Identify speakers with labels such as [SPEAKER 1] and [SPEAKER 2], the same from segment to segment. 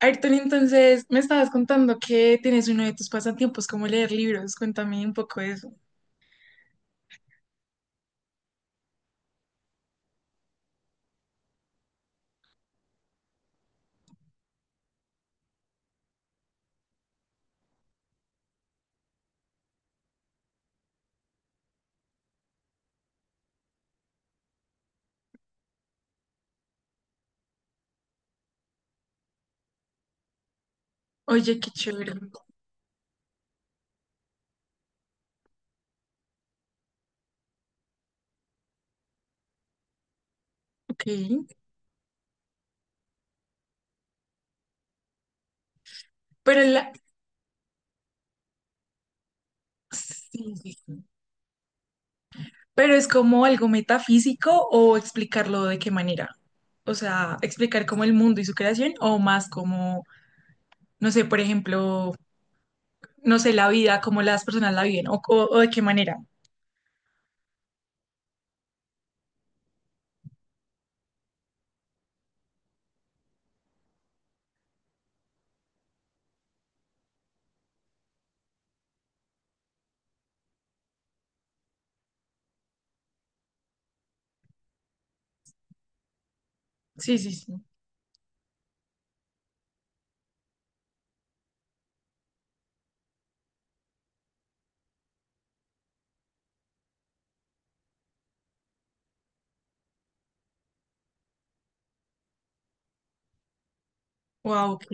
[SPEAKER 1] Ayrton, entonces me estabas contando que tienes uno de tus pasatiempos como leer libros. Cuéntame un poco de eso. Oye, qué chévere. Ok. Pero la... sí, sí, sí. Pero es como algo metafísico o explicarlo de qué manera. O sea, explicar como el mundo y su creación o más como, no sé, por ejemplo, no sé, la vida, cómo las personas la viven o de qué manera. Sí, sí, sí. Wow, ok.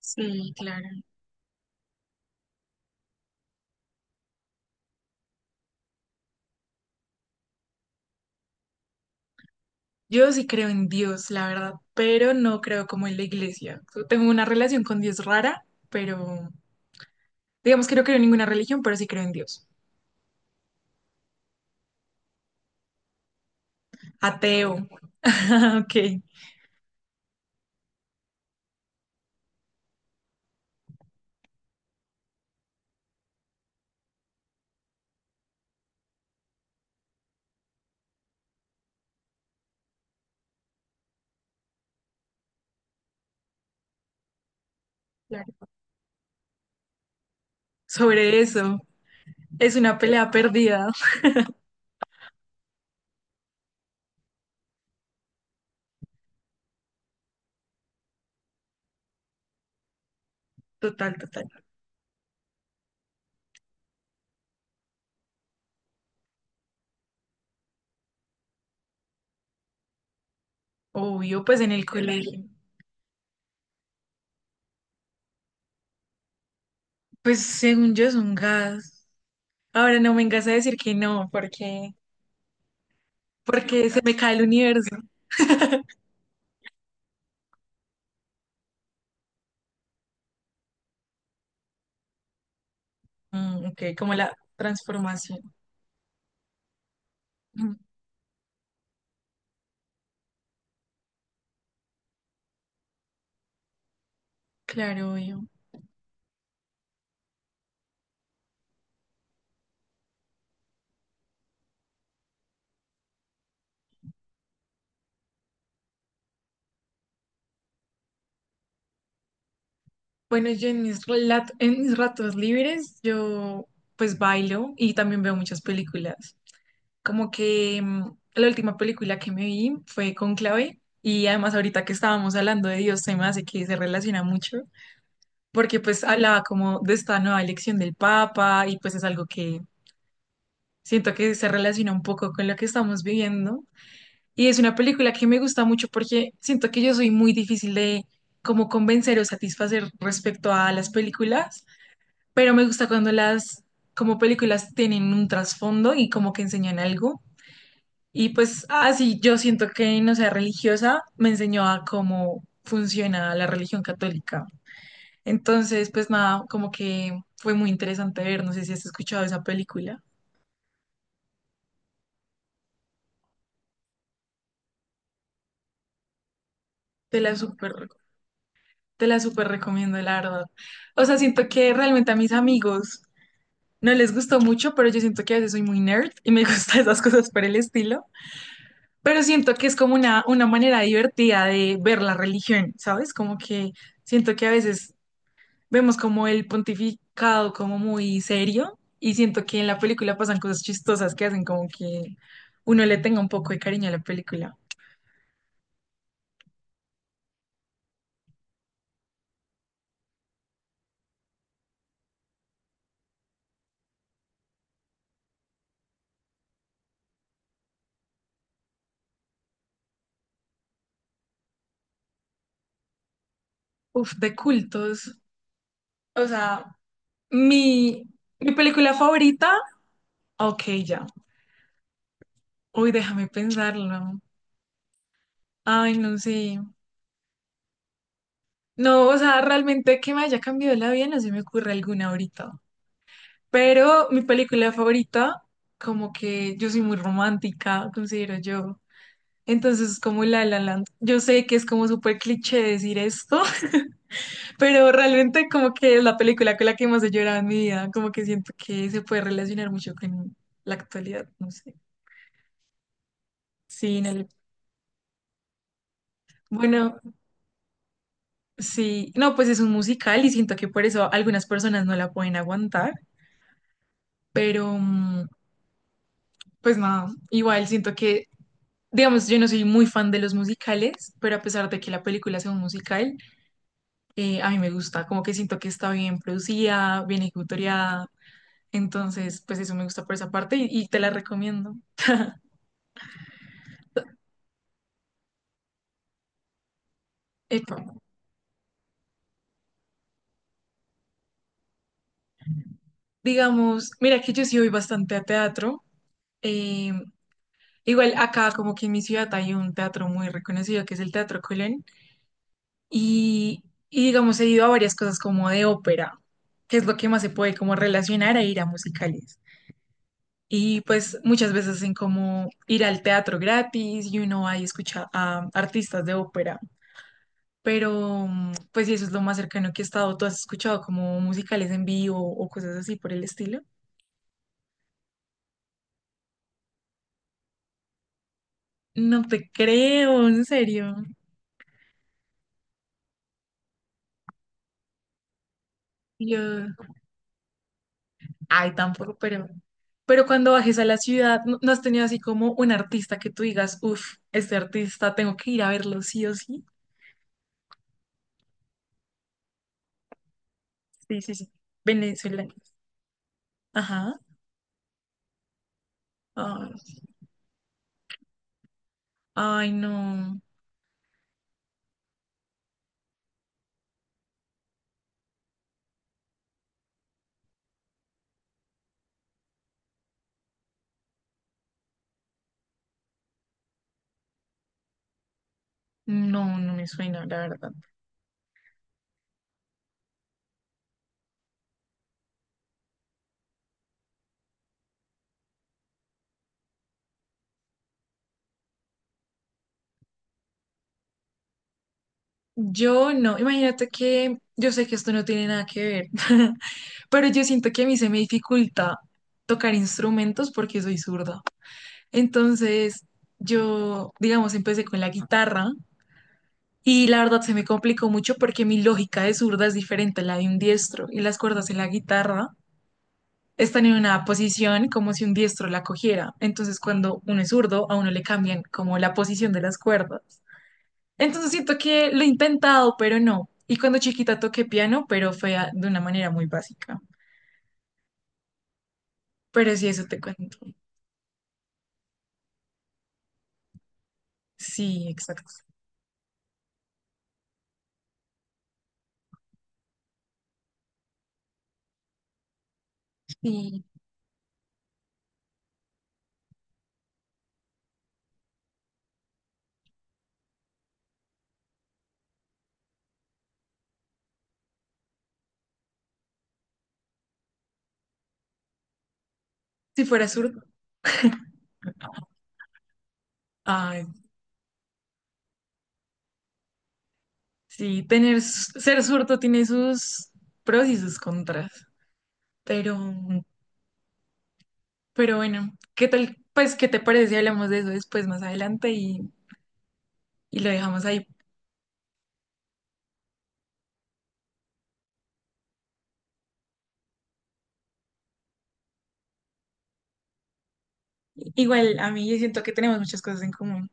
[SPEAKER 1] Sí, claro. Yo sí creo en Dios, la verdad, pero no creo como en la iglesia. Yo tengo una relación con Dios rara, pero digamos que no creo en ninguna religión, pero sí creo en Dios. Ateo. Ok. Claro. Sobre eso. Es una pelea perdida. Total, total. Obvio, pues en el colegio. Pues según yo es un gas. Ahora no me vengas a decir que no, porque, porque se me cae el universo. Mm, ok, como la transformación. Mm, claro, obvio. Bueno, yo en en mis ratos libres, yo pues bailo y también veo muchas películas. Como que la última película que me vi fue Conclave y además ahorita que estábamos hablando de Dios, se me hace que se relaciona mucho porque pues hablaba como de esta nueva elección del Papa y pues es algo que siento que se relaciona un poco con lo que estamos viviendo. Y es una película que me gusta mucho porque siento que yo soy muy difícil de como convencer o satisfacer respecto a las películas, pero me gusta cuando las como películas tienen un trasfondo y como que enseñan algo. Y pues así yo siento que no sea religiosa, me enseñó a cómo funciona la religión católica. Entonces, pues nada, como que fue muy interesante ver, no sé si has escuchado esa película. Te la súper, te la súper recomiendo, la verdad. O sea, siento que realmente a mis amigos no les gustó mucho, pero yo siento que a veces soy muy nerd y me gustan esas cosas por el estilo. Pero siento que es como una manera divertida de ver la religión, ¿sabes? Como que siento que a veces vemos como el pontificado como muy serio y siento que en la película pasan cosas chistosas que hacen como que uno le tenga un poco de cariño a la película. Uf, de cultos. O sea, mi, mi película favorita, ok, ya. Uy, déjame pensarlo. Ay, no sé. No, o sea, realmente que me haya cambiado la vida, no se me ocurre alguna ahorita. Pero mi película favorita, como que yo soy muy romántica, considero yo. Entonces, es como La La Land. Yo sé que es como súper cliché decir esto, pero realmente como que es la película con la que más he llorado en mi vida. Como que siento que se puede relacionar mucho con la actualidad, no sé. Sí, no le- Bueno, sí. No, pues es un musical y siento que por eso algunas personas no la pueden aguantar, pero, pues nada, igual siento que, digamos, yo no soy muy fan de los musicales, pero a pesar de que la película sea un musical, a mí me gusta, como que siento que está bien producida, bien ejecutoriada, entonces, pues eso me gusta por esa parte y te la recomiendo. Epa. Digamos, mira que yo sí voy bastante a teatro. eh, Igual acá como que en mi ciudad hay un teatro muy reconocido que es el Teatro Colón y, y digamos he ido a varias cosas como de ópera, que es lo que más se puede como relacionar a ir a musicales. Y pues muchas veces hacen como ir al teatro gratis y uno va y escucha a artistas de ópera. Pero mm, pues sí, eso es lo más cercano que he estado. ¿Tú has escuchado como musicales en vivo o cosas así por el estilo? No te creo, en serio. Yo, ay, tampoco, pero cuando bajes a la ciudad, ¿no, no has tenido así como un artista que tú digas, uff, este artista tengo que ir a verlo sí o sí? Sí, sí, sí. Venezolano. Ajá. Ay, ay, no. No, no me suena, la verdad. Yo no, imagínate que yo sé que esto no tiene nada que ver, pero yo siento que a mí se me dificulta tocar instrumentos porque soy zurda. Entonces, yo, digamos, empecé con la guitarra y la verdad se me complicó mucho porque mi lógica de zurda es diferente a la de un diestro y las cuerdas de la guitarra están en una posición como si un diestro la cogiera. Entonces, cuando uno es zurdo, a uno le cambian como la posición de las cuerdas. Entonces siento que lo he intentado, pero no. Y cuando chiquita toqué piano, pero fue de una manera muy básica. Pero sí, eso te cuento. Sí, exacto. Sí. Si fuera zurdo. Ay, sí, ser zurdo tiene sus pros y sus contras. Pero, pero bueno, ¿qué tal? Pues, ¿qué te parece si hablamos de eso después, más adelante y lo dejamos ahí? Igual, a mí yo siento que tenemos muchas cosas en común.